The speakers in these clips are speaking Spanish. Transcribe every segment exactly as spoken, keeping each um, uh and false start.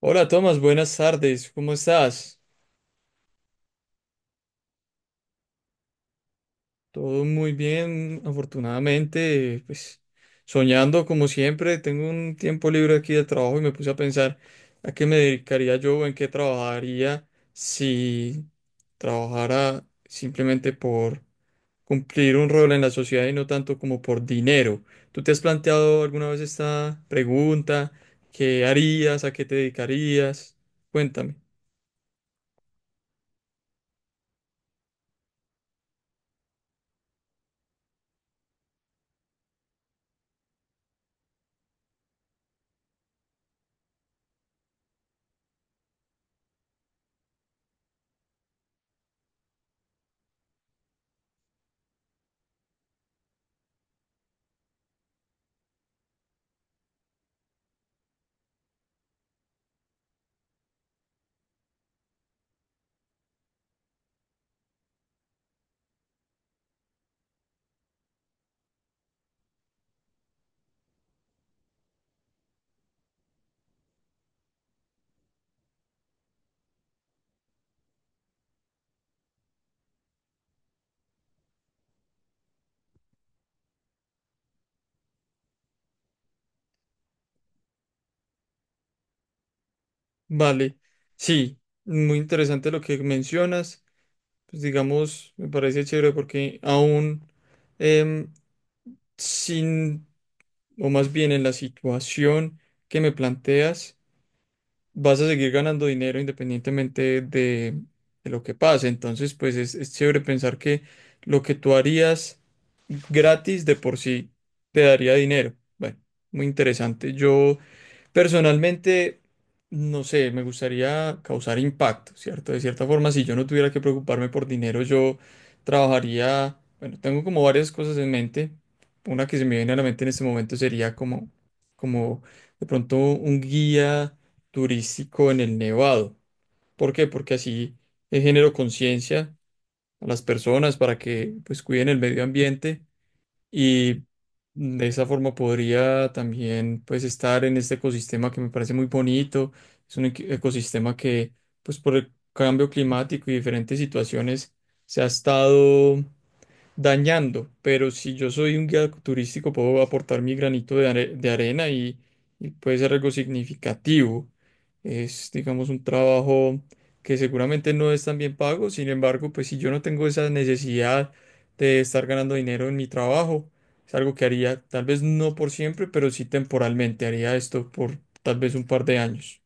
Hola Tomás, buenas tardes, ¿cómo estás? Todo muy bien, afortunadamente, pues soñando como siempre, tengo un tiempo libre aquí de trabajo y me puse a pensar a qué me dedicaría yo o en qué trabajaría si trabajara simplemente por cumplir un rol en la sociedad y no tanto como por dinero. ¿Tú te has planteado alguna vez esta pregunta? ¿Qué harías? ¿A qué te dedicarías? Cuéntame. Vale, sí, muy interesante lo que mencionas. Pues digamos, me parece chévere porque aún em, sin, o más bien en la situación que me planteas, vas a seguir ganando dinero independientemente de, de lo que pase. Entonces, pues es, es chévere pensar que lo que tú harías gratis de por sí te daría dinero. Bueno, muy interesante. Yo personalmente, no sé, me gustaría causar impacto, ¿cierto? De cierta forma, si yo no tuviera que preocuparme por dinero, yo trabajaría, bueno, tengo como varias cosas en mente. Una que se me viene a la mente en este momento sería como, como de pronto un guía turístico en el Nevado. ¿Por qué? Porque así eh, genero conciencia a las personas para que pues cuiden el medio ambiente y de esa forma podría también pues estar en este ecosistema que me parece muy bonito. Es un equi- ecosistema que pues por el cambio climático y diferentes situaciones se ha estado dañando, pero si yo soy un guía turístico puedo aportar mi granito de, are- de arena y, y puede ser algo significativo. Es, digamos, un trabajo que seguramente no es tan bien pago. Sin embargo, pues si yo no tengo esa necesidad de estar ganando dinero en mi trabajo, es algo que haría, tal vez no por siempre, pero sí temporalmente. Haría esto por tal vez un par de años.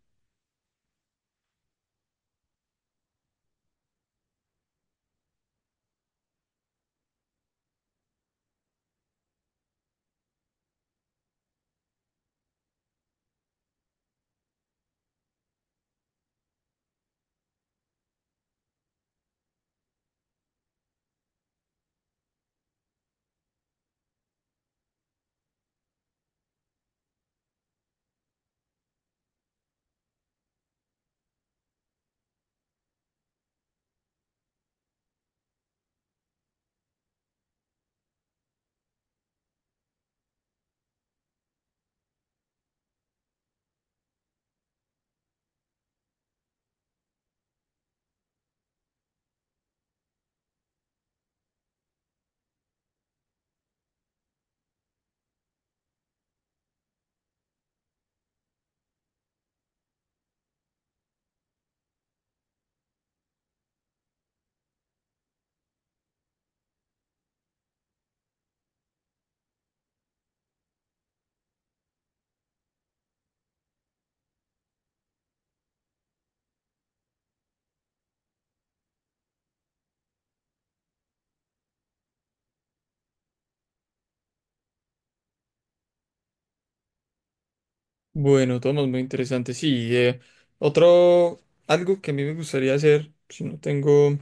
Bueno, Tomás, muy interesante. Sí, eh, otro, algo que a mí me gustaría hacer, si no tengo,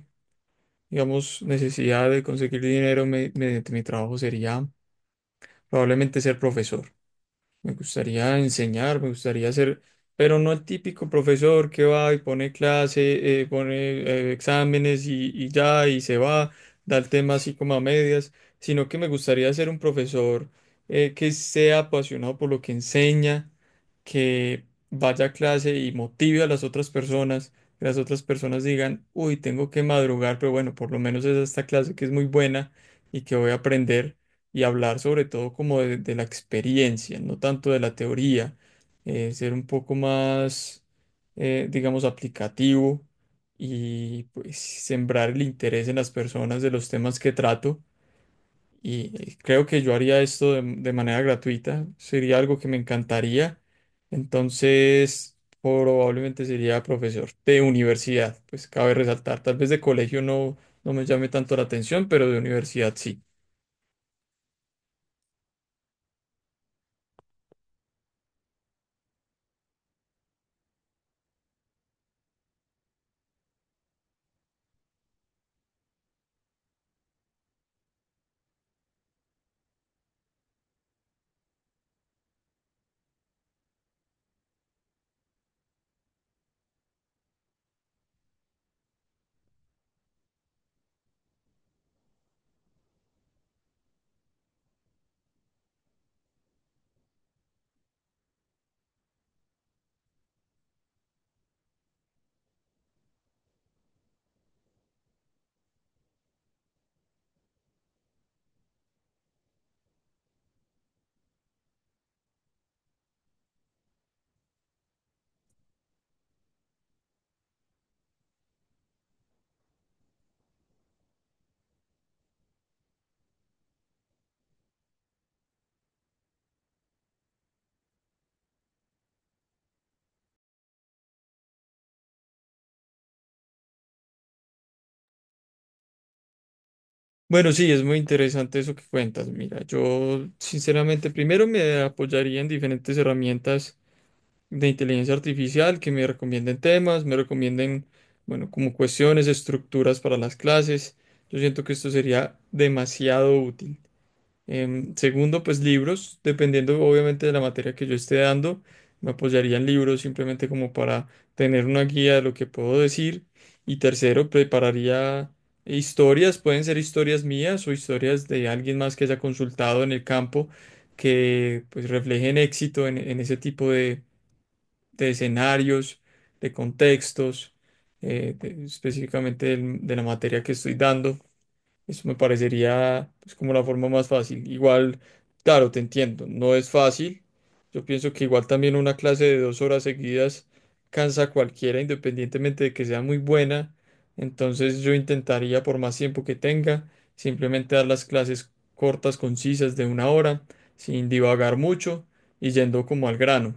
digamos, necesidad de conseguir dinero me- mediante mi trabajo, sería probablemente ser profesor. Me gustaría enseñar, me gustaría ser, pero no el típico profesor que va y pone clase, eh, pone eh, exámenes y, y ya, y se va, da el tema así como a medias, sino que me gustaría ser un profesor eh, que sea apasionado por lo que enseña, que vaya a clase y motive a las otras personas, que las otras personas digan, uy, tengo que madrugar, pero bueno, por lo menos es esta clase que es muy buena y que voy a aprender y hablar sobre todo como de, de la experiencia, no tanto de la teoría, eh, ser un poco más, eh, digamos, aplicativo y pues sembrar el interés en las personas de los temas que trato. Y eh, creo que yo haría esto de, de manera gratuita, sería algo que me encantaría. Entonces, probablemente sería profesor de universidad, pues cabe resaltar, tal vez de colegio no, no me llame tanto la atención, pero de universidad sí. Bueno, sí, es muy interesante eso que cuentas. Mira, yo sinceramente primero me apoyaría en diferentes herramientas de inteligencia artificial que me recomienden temas, me recomienden, bueno, como cuestiones, estructuras para las clases. Yo siento que esto sería demasiado útil. Em, segundo, pues libros, dependiendo obviamente de la materia que yo esté dando, me apoyaría en libros simplemente como para tener una guía de lo que puedo decir. Y tercero, prepararía historias, pueden ser historias mías o historias de alguien más que haya consultado en el campo, que pues reflejen éxito en, en ese tipo de, de escenarios, de contextos, eh, de- específicamente del- de la materia que estoy dando. Eso me parecería pues, como la forma más fácil. Igual, claro, te entiendo, no es fácil. Yo pienso que igual también una clase de dos horas seguidas cansa a cualquiera, independientemente de que sea muy buena. Entonces yo intentaría, por más tiempo que tenga, simplemente dar las clases cortas, concisas, de una hora, sin divagar mucho y yendo como al grano.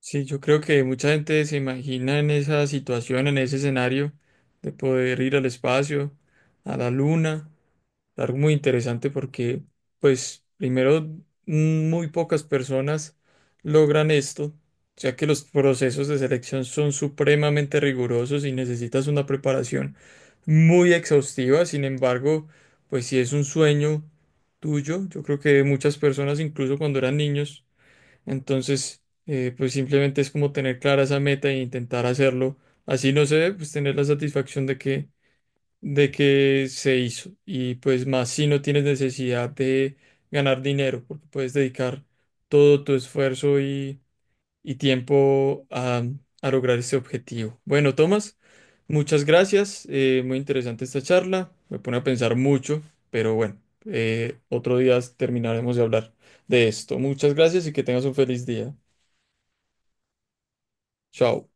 Sí, yo creo que mucha gente se imagina en esa situación, en ese escenario, de poder ir al espacio, a la luna. Algo muy interesante porque, pues, primero, mm, muy pocas personas logran esto, ya que los procesos de selección son supremamente rigurosos y necesitas una preparación muy exhaustiva. Sin embargo, pues, si es un sueño tuyo, yo creo que de muchas personas, incluso cuando eran niños, entonces, eh, pues, simplemente es como tener clara esa meta e intentar hacerlo. Así, no sé, pues, tener la satisfacción de que de que se hizo. Y pues más si no tienes necesidad de ganar dinero, porque puedes dedicar todo tu esfuerzo y, y tiempo a, a lograr ese objetivo. Bueno, Tomás, muchas gracias. Eh, muy interesante esta charla. Me pone a pensar mucho, pero bueno, eh, otro día terminaremos de hablar de esto. Muchas gracias y que tengas un feliz día. Chao.